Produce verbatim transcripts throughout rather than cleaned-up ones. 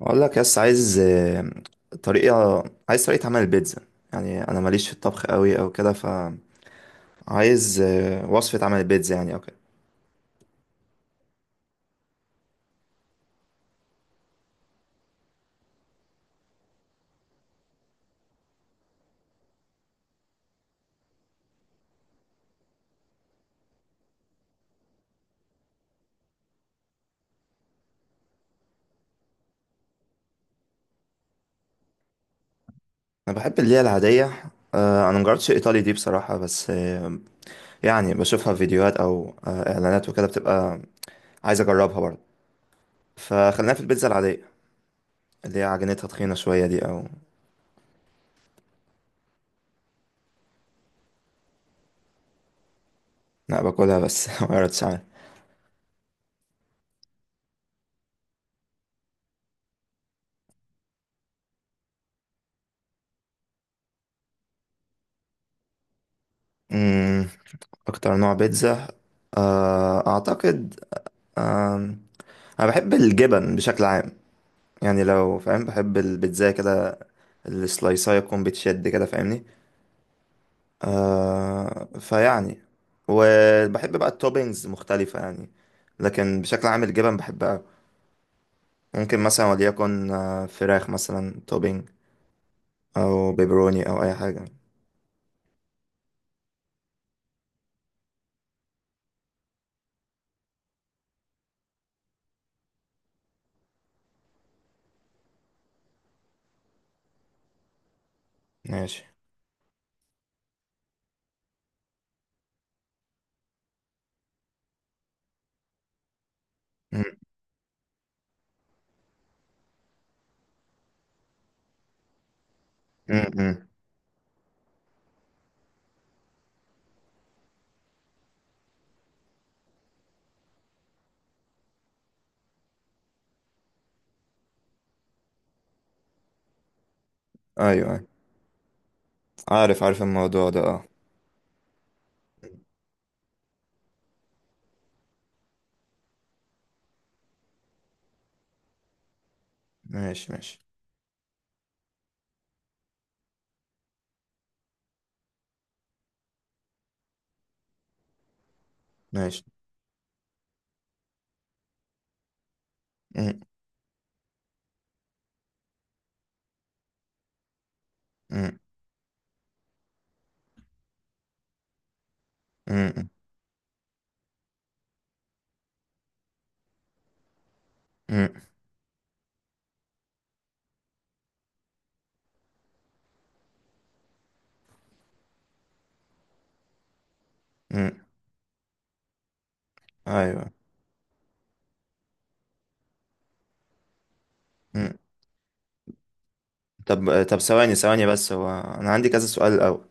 اقول لك يس عايز آه، طريقة عايز طريقة عمل البيتزا. يعني انا ماليش في الطبخ قوي او كده، فعايز آه، وصفة عمل البيتزا يعني او كده. انا بحب اللي هي العادية. آه، انا مجربتش الايطالي دي بصراحة، بس آه، يعني بشوفها في فيديوهات او آه، اعلانات وكده، بتبقى عايز اجربها برضه. فخلينا في البيتزا العادية اللي هي عجينتها تخينة شوية دي او. لا، باكلها بس ما قررتش عنها. أمم، اكتر نوع بيتزا، آه، اعتقد انا بحب الجبن بشكل عام. يعني لو فاهم بحب البيتزا كده، السلايسايه تكون بتشد كده فاهمني. آه فيعني وبحب بقى التوبينجز مختلفه يعني، لكن بشكل عام الجبن بحبها. ممكن مثلا وليكن آه، فراخ مثلا توبينج، او بيبروني، او اي حاجه. ماشي. م- م- م. ايوه، أيوة. عارف عارف الموضوع ده، اه. ماشي ماشي ماشي. م- م- م- م- م- م. ايوه. طب طب، ثواني ثواني، بس هو انا عندي كذا سؤال الاول.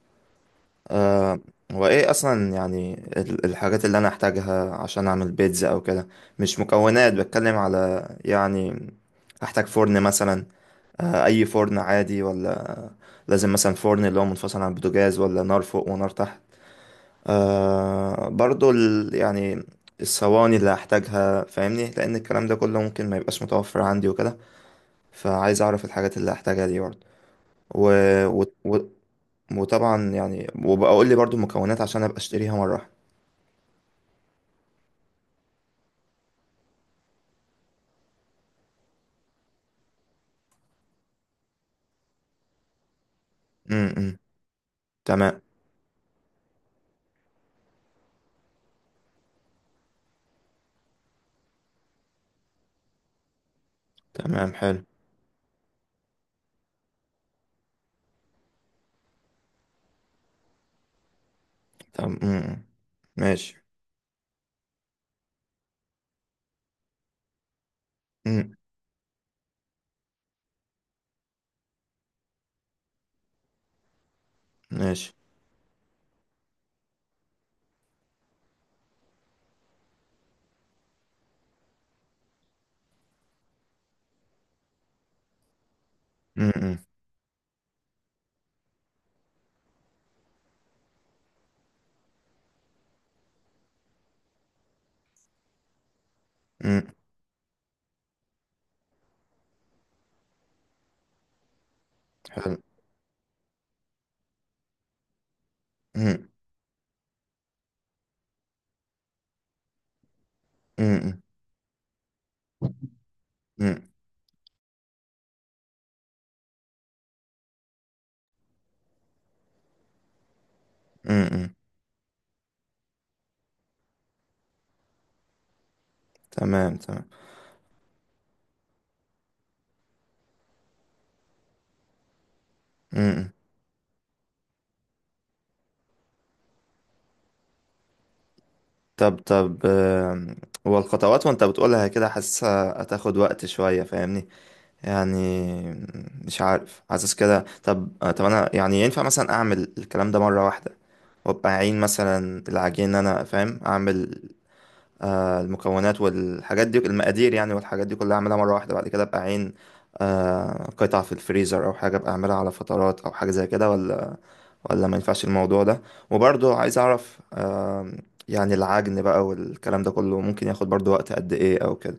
آه هو ايه اصلا، يعني ال- الحاجات اللي انا احتاجها عشان اعمل بيتزا او كده. مش مكونات، بتكلم على يعني. احتاج فرن مثلا؟ آه اي فرن عادي ولا لازم مثلا فرن اللي هو منفصل عن البوتاجاز، ولا نار فوق ونار تحت؟ آه برضو ال يعني الصواني اللي هحتاجها فاهمني، لان الكلام ده كله ممكن ما يبقاش متوفر عندي وكده، فعايز اعرف الحاجات اللي هحتاجها دي برضه. و... و... وطبعا يعني، وبقى اقول لي برضو المكونات عشان ابقى اشتريها مره واحده. امم. تمام تمام. حلو. تمام. امم. ماشي. امم. ماشي. امم. حلو. امم. امم. تمام تمام. امم. طب طب، آم، هو الخطوات وانت بتقولها كده حاسسها هتاخد وقت شويه فاهمني. يعني مش عارف، حاسس كده. طب آه، طب انا يعني ينفع مثلا اعمل الكلام ده مره واحده، وابقى اعين مثلا العجين إن انا فاهم اعمل آه، المكونات والحاجات دي المقادير، يعني والحاجات دي كلها اعملها مره واحده، بعد كده ابقى عين آه، قطع في الفريزر او حاجه، ابقى اعملها على فترات او حاجه زي كده، ولا ولا ما ينفعش الموضوع ده؟ وبرضه عايز اعرف، آم، يعني العجن بقى والكلام ده كله ممكن ياخد برضه وقت قد ايه او كده.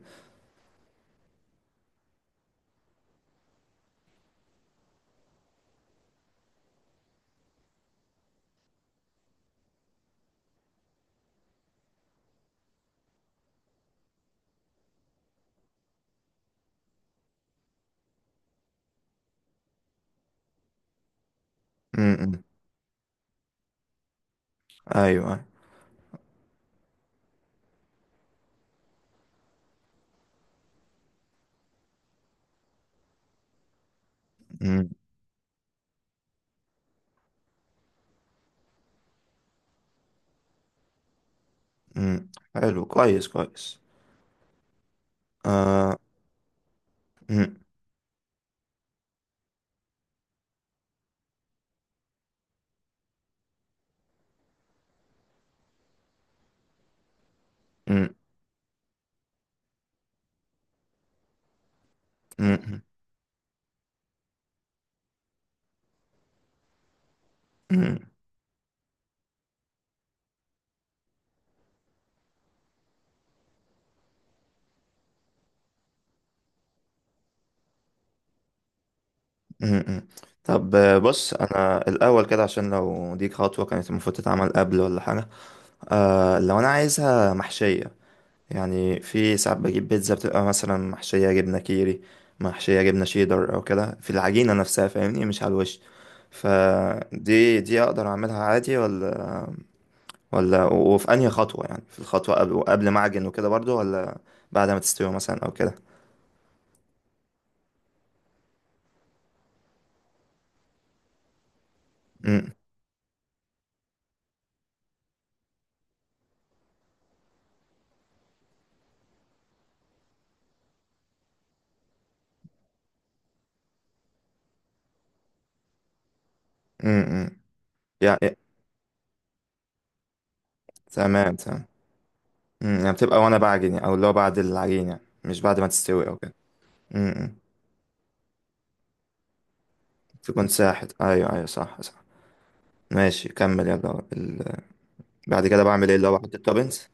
امم. ايوه. امم. امم. حلو. كويس كويس. آه، امم. امم. امم. امم. امم. طب آه، بص انا الاول كده، عشان لو دي خطوه كانت المفروض تتعمل قبل ولا حاجه. آه لو انا عايزها محشية، يعني في ساعات بجيب بيتزا بتبقى مثلا محشية جبنة كيري، محشية جبنة شيدر، او كده في العجينة نفسها فاهمني، مش على الوش. فدي دي اقدر اعملها عادي ولا، ولا وفي انهي خطوة، يعني في الخطوة قبل وقبل ما اعجن وكده برضو، ولا بعد ما تستوي مثلا او كده؟ امم. امم. يعني تمام تمام. مم، يعني بتبقى وانا بعجن يعني، او اللي هو بعد العجينة، يعني مش بعد ما تستوي او كده. امم. تكون ساحت. ايوه ايوه. صح صح. ماشي كمل يلا ال... بعد كده بعمل ايه لو احط التوبنز؟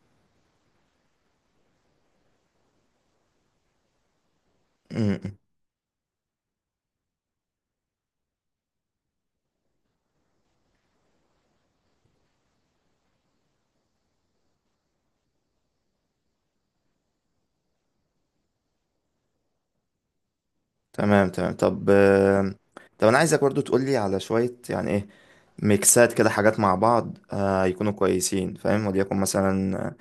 م- م. تمام تمام. طب آم، طب انا عايزك برضو تقول لي على شوية يعني ايه ميكسات كده حاجات مع بعض، آه يكونوا كويسين فاهم، وليكن مثلا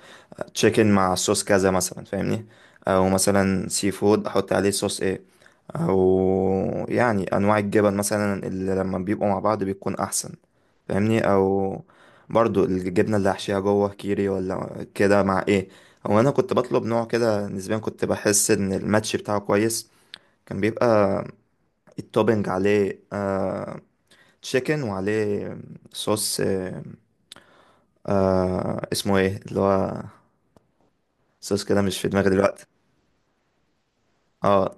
تشيكن مع صوص كذا مثلا فاهمني، او مثلا سي فود احط عليه صوص ايه، او يعني انواع الجبن مثلا اللي لما بيبقوا مع بعض بيكون احسن فاهمني، او برضو الجبنه اللي هحشيها جوه كيري ولا كده مع ايه. هو انا كنت بطلب نوع كده نسبيا، كنت بحس ان الماتش بتاعه كويس. كان بيبقى التوبينج عليه آه تشيكن، وعليه صوص، آه آه اسمه ايه اللي هو، صوص كده مش في دماغي دلوقتي. اه،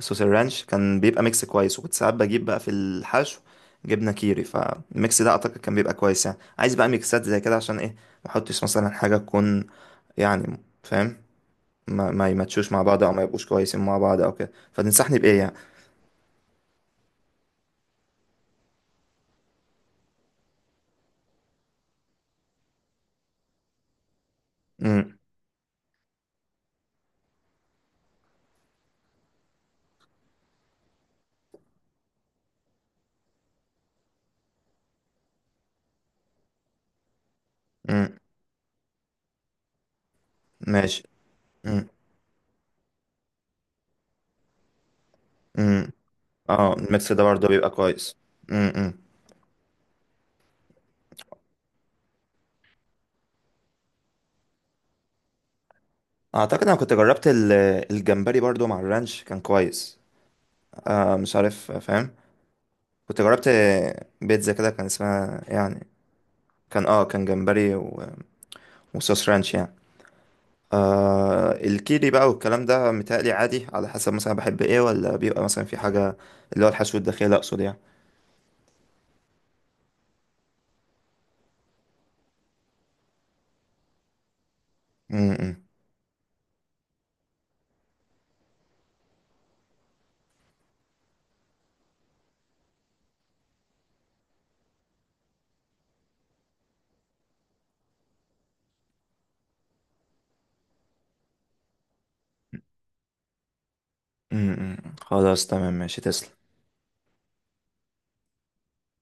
صوص الرانش كان بيبقى ميكس كويس، وكنت ساعات بجيب بقى في الحشو جبنة كيري، فالميكس ده اعتقد كان بيبقى كويس. يعني عايز بقى ميكسات زي كده، عشان ايه ما احطش مثلا حاجة تكون، يعني فاهم، ما ما يماتشوش مع بعض، او ما يبقوش كويسين مع بعض او كده، فتنصحني بايه يعني؟ امم. امم. ماشي. امم. امم. اه، الميكس ده برضه بيبقى كويس. امم. اعتقد انا كنت جربت ال- الجمبري برضه مع الرانش، كان كويس. آه مش عارف فاهم، كنت جربت بيتزا كده كان اسمها يعني، كان اه كان جمبري و... وصوص رانش يعني. آه الكيري بقى والكلام ده متهيألي عادي، على حسب مثلا بحب ايه، ولا بيبقى مثلا في حاجة، اللي هو الحشو الداخلي اقصد يعني. م- م- م- م. خلاص تمام ماشي تسلم.